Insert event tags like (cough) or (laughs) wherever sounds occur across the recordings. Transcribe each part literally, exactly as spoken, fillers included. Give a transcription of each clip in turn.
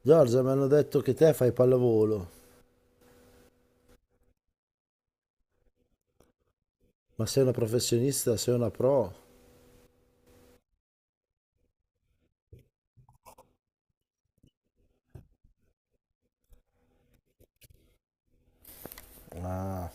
Giorgia, mi hanno detto che te fai pallavolo, ma sei una professionista, sei una pro. Ah,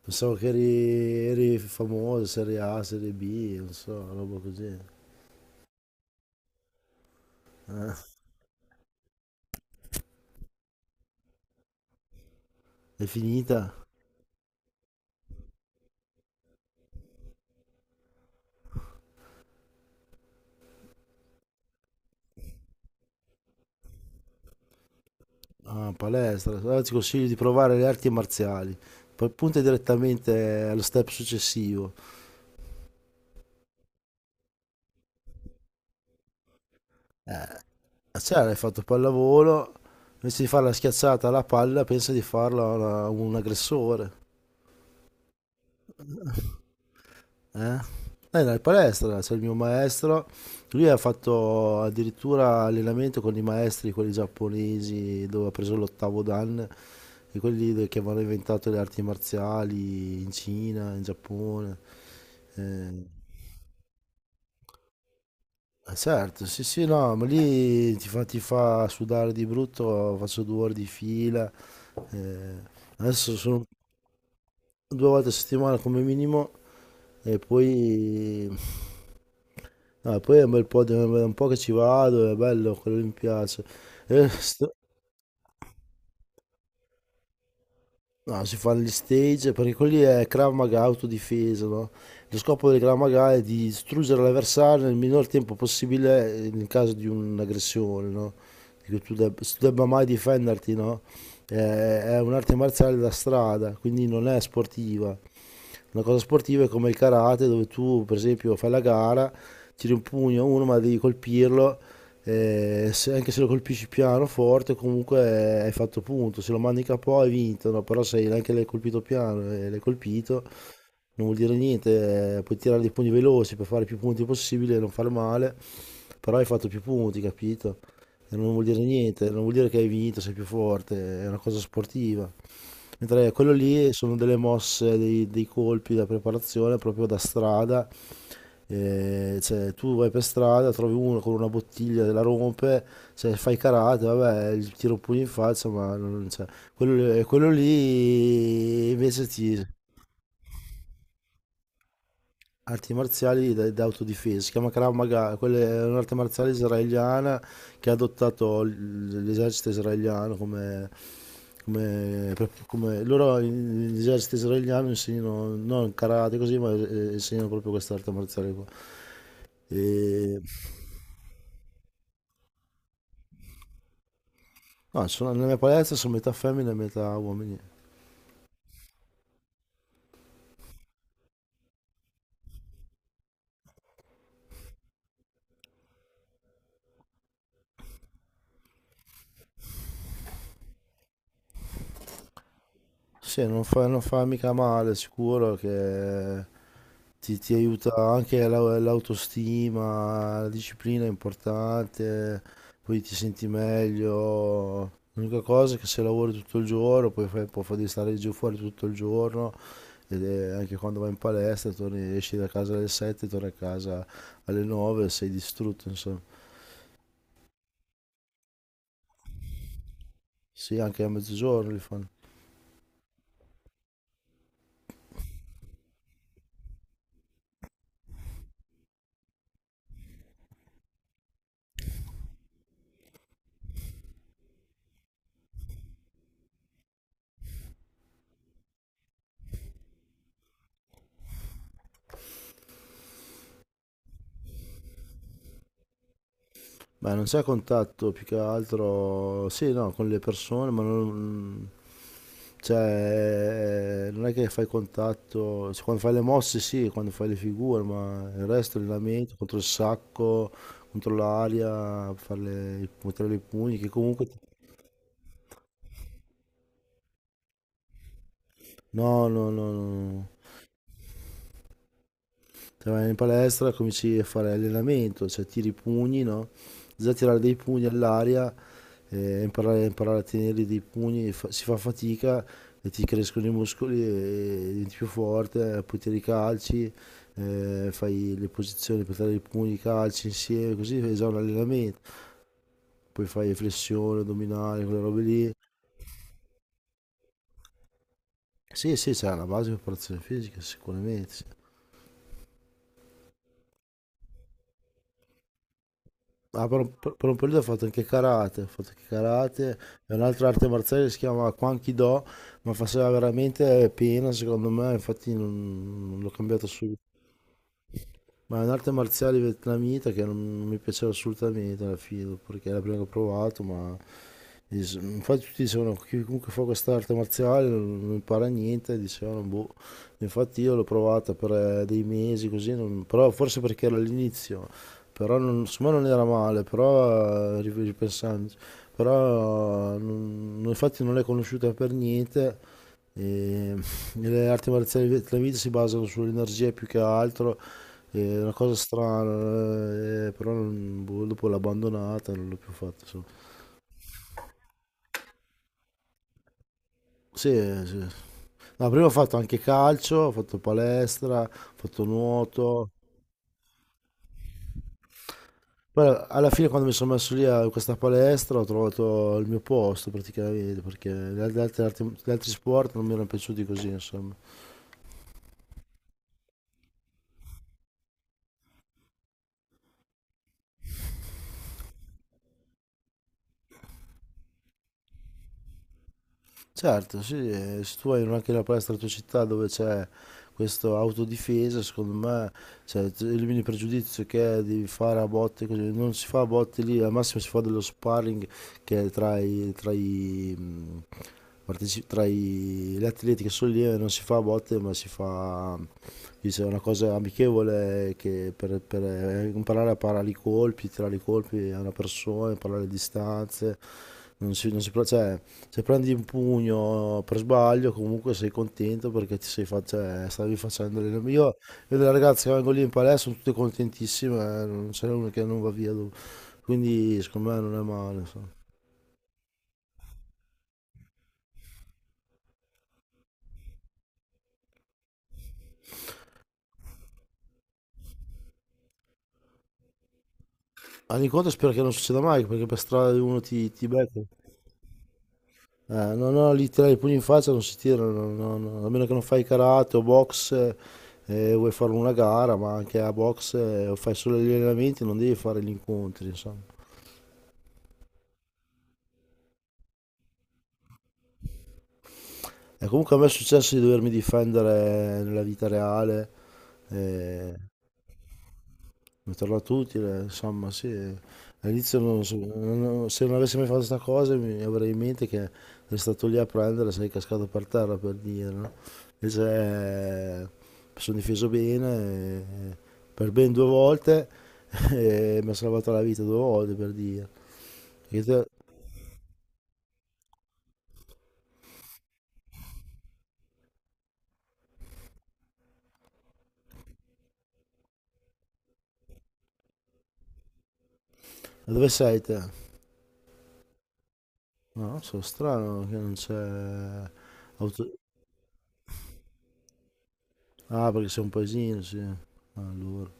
pensavo che eri, eri famoso, serie A, serie B, non so, roba così. Eh, È finita? Ah, palestra. Allora ti consiglio di provare le arti marziali. Poi punta direttamente allo step successivo. Eh, cioè, hai fatto pallavolo, invece di fare la schiacciata alla palla, pensa di farla a una- a un aggressore. Eh? Era in palestra, c'è il mio maestro. Lui ha fatto addirittura allenamento con i maestri, quelli giapponesi, dove ha preso l'ottavo dan, e quelli de- che avevano inventato le arti marziali in Cina, in Giappone. Eh, eh, certo, sì, sì, no, ma lì ti fa, ti fa sudare di brutto, faccio due ore di fila. Eh. Adesso sono due volte a settimana come minimo. E poi... No, e poi è un bel po', di- è un po' che ci vado, è bello, quello lì mi piace. E sto- no, si fanno gli stage, perché quelli è Krav Maga, autodifesa, no? Lo scopo del Krav Maga è di distruggere l'avversario nel minor tempo possibile eh, in caso di un'aggressione, no? Che tu deb- tu debba mai difenderti, no? Eh, è un'arte marziale da strada, quindi non è sportiva. Una cosa sportiva è come il karate dove tu per esempio fai la gara, tiri un pugno a uno ma devi colpirlo, eh, se- anche se lo colpisci piano, forte, comunque hai fatto punto, se lo mandi capo hai vinto, no? Però se anche l'hai colpito piano e l'hai colpito non vuol dire niente, eh, puoi tirare dei pugni veloci per fare più punti possibile e non fare male, però hai fatto più punti, capito? E non vuol dire niente, non vuol dire che hai vinto, sei più forte, è una cosa sportiva. Mentre quello lì sono delle mosse, dei, dei colpi da preparazione proprio da strada. Eh, cioè, tu vai per strada, trovi uno con una bottiglia, la rompe, cioè, fai karate, vabbè, gli tiro un pugno in faccia, ma non, cioè, quello, quello lì invece ti... Arti marziali d- d'autodifesa, si chiama Krav Maga, quella è un'arte marziale israeliana che ha adottato l- l'esercito israeliano come, come- come- loro in- l'esercito israeliano insegnano non karate così, ma eh, insegnano proprio questa arte marziale qua. E, no, sono- nella mia palestra sono metà femmine e metà uomini. Sì, non fa, non fa mica male, sicuro che ti, ti aiuta anche la- l'autostima, la disciplina è importante, poi ti senti meglio. L'unica cosa è che se lavori tutto il giorno, poi fai, puoi fare di stare giù fuori tutto il giorno, ed è- anche quando vai in palestra, torni, esci da casa alle sette, torni a casa alle nove, sei distrutto, insomma. Sì, anche a mezzogiorno li fanno. Beh, non c'è contatto più che altro, sì, no, con le persone, ma non, cioè, non è che fai contatto, cioè, quando fai le mosse sì, quando fai le figure, ma il resto, allenamento, contro il sacco, contro l'aria, fare le- buttare i pugni, che comunque, no, no, no, no, no. Te vai in palestra, cominci a fare allenamento, cioè tiri i pugni, no? Già tirare dei pugni all'aria eh, imparare, imparare a tenere dei pugni fa- si fa fatica e ti crescono i muscoli e diventi più forte, eh, poi tiri i calci, eh, fai le posizioni per dare i pugni, i calci insieme, così è già un allenamento. Poi fai flessione, addominale, quelle robe lì. Sì, sì, c'è una base di preparazione fisica, sicuramente. Sì. Ah, per, un, per- per un periodo ho fatto anche karate, ho fatto anche karate, è un'altra arte marziale che si chiama Kwankido, ma faceva veramente pena secondo me, infatti non, non l'ho cambiato subito. Ma è un'arte marziale vietnamita che non, non mi piaceva assolutamente alla fine, perché è la prima che ho provato, ma dis- infatti tutti dicevano chi comunque fa questa arte marziale non, non impara niente, dicevano boh, infatti io l'ho provata per eh, dei mesi così, non- però forse perché era all'inizio, però non, secondo me non era male, però eh, ri- ripensandoci, però eh, non- infatti non l'hai conosciuta per niente. E (laughs) le arti marziali vietnamite si basano sull'energia più che altro, è una cosa strana, eh, però non- boh, dopo l'ho abbandonata, non l'ho più fatta. Insomma. Sì, sì. No, prima ho fatto anche calcio, ho fatto palestra, ho fatto nuoto. Poi alla fine quando mi sono messo lì a in questa palestra ho trovato il mio posto praticamente, perché gli altri, gli altri sport non mi erano piaciuti così, insomma. Certo, sì, e se tu hai anche una palestra nella tua città dove c'è questa autodifesa, secondo me, cioè, tu elimini il pregiudizio che è di fare a botte così, non si fa a botte lì, al massimo si fa dello sparring che è tra i, tra i, mh, parteci- tra i- gli atleti che sono lì e non si fa a botte, ma si fa dice, una cosa amichevole che per, per eh, imparare a parare i colpi, tirare i colpi a una persona, imparare le distanze, non si, non si, pro- cioè, se prendi un pugno per sbaglio comunque sei contento perché ti sei fatto, cioè, stavi facendo allenamento. Io vedo le ragazze che vengo lì in palestra, sono tutte contentissime, eh, non c'è una che non va via. Dopo. Quindi secondo me non è male. Insomma. All'incontro spero che non succeda mai perché per strada uno ti, ti becca. Eh, no, no, lì tirare i pugni in faccia non si tirano, no, no, no. A meno che non fai karate o box eh, e eh, vuoi fare una gara, ma anche a box eh, fai solo gli allenamenti, non devi fare gli incontri, insomma. E comunque a me è successo di dovermi difendere nella vita reale. Eh, mi è tornato utile, insomma, sì. All'inizio non so- non- se non avessi mai fatto questa cosa mi avrei in mente che eri stato lì a prendere, sei cascato per terra per dire, no? Invece eh, mi sono difeso bene eh, per ben due volte (laughs) e mi ha salvato la vita due volte per dire. Perché te- ma dove sei te? No, non so, strano che non c'è auto... Ah, perché sei un paesino, sì. Allora.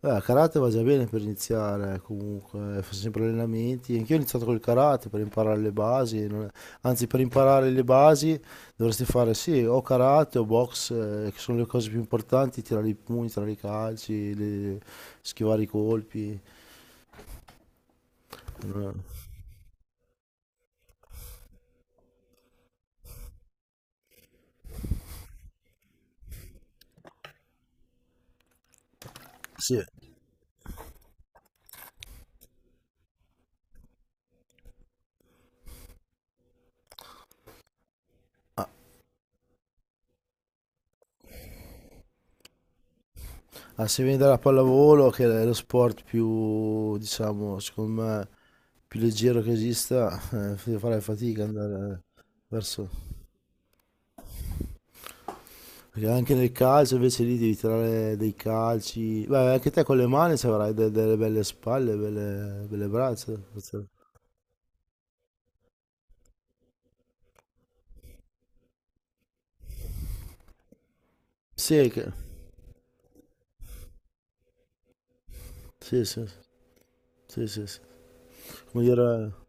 Eh, karate va già bene per iniziare, comunque, faccio sempre allenamenti. Anch'io ho iniziato col karate per imparare le basi, non è- anzi per imparare le basi dovresti fare sì, o karate o box, eh, che sono le cose più importanti, tirare i pugni, tirare i calci, le- schivare i colpi. Eh, Sì. Ah, se vieni dalla pallavolo, che è lo sport più, diciamo, secondo me, più leggero che esista, eh, farai fatica ad andare verso... Perché anche nel calcio invece lì devi tirare dei calci. Beh, anche te con le mani se avrai de- delle belle spalle, belle, belle braccia. Sì, che... sì, sì, sì, sì, sì. Come dire...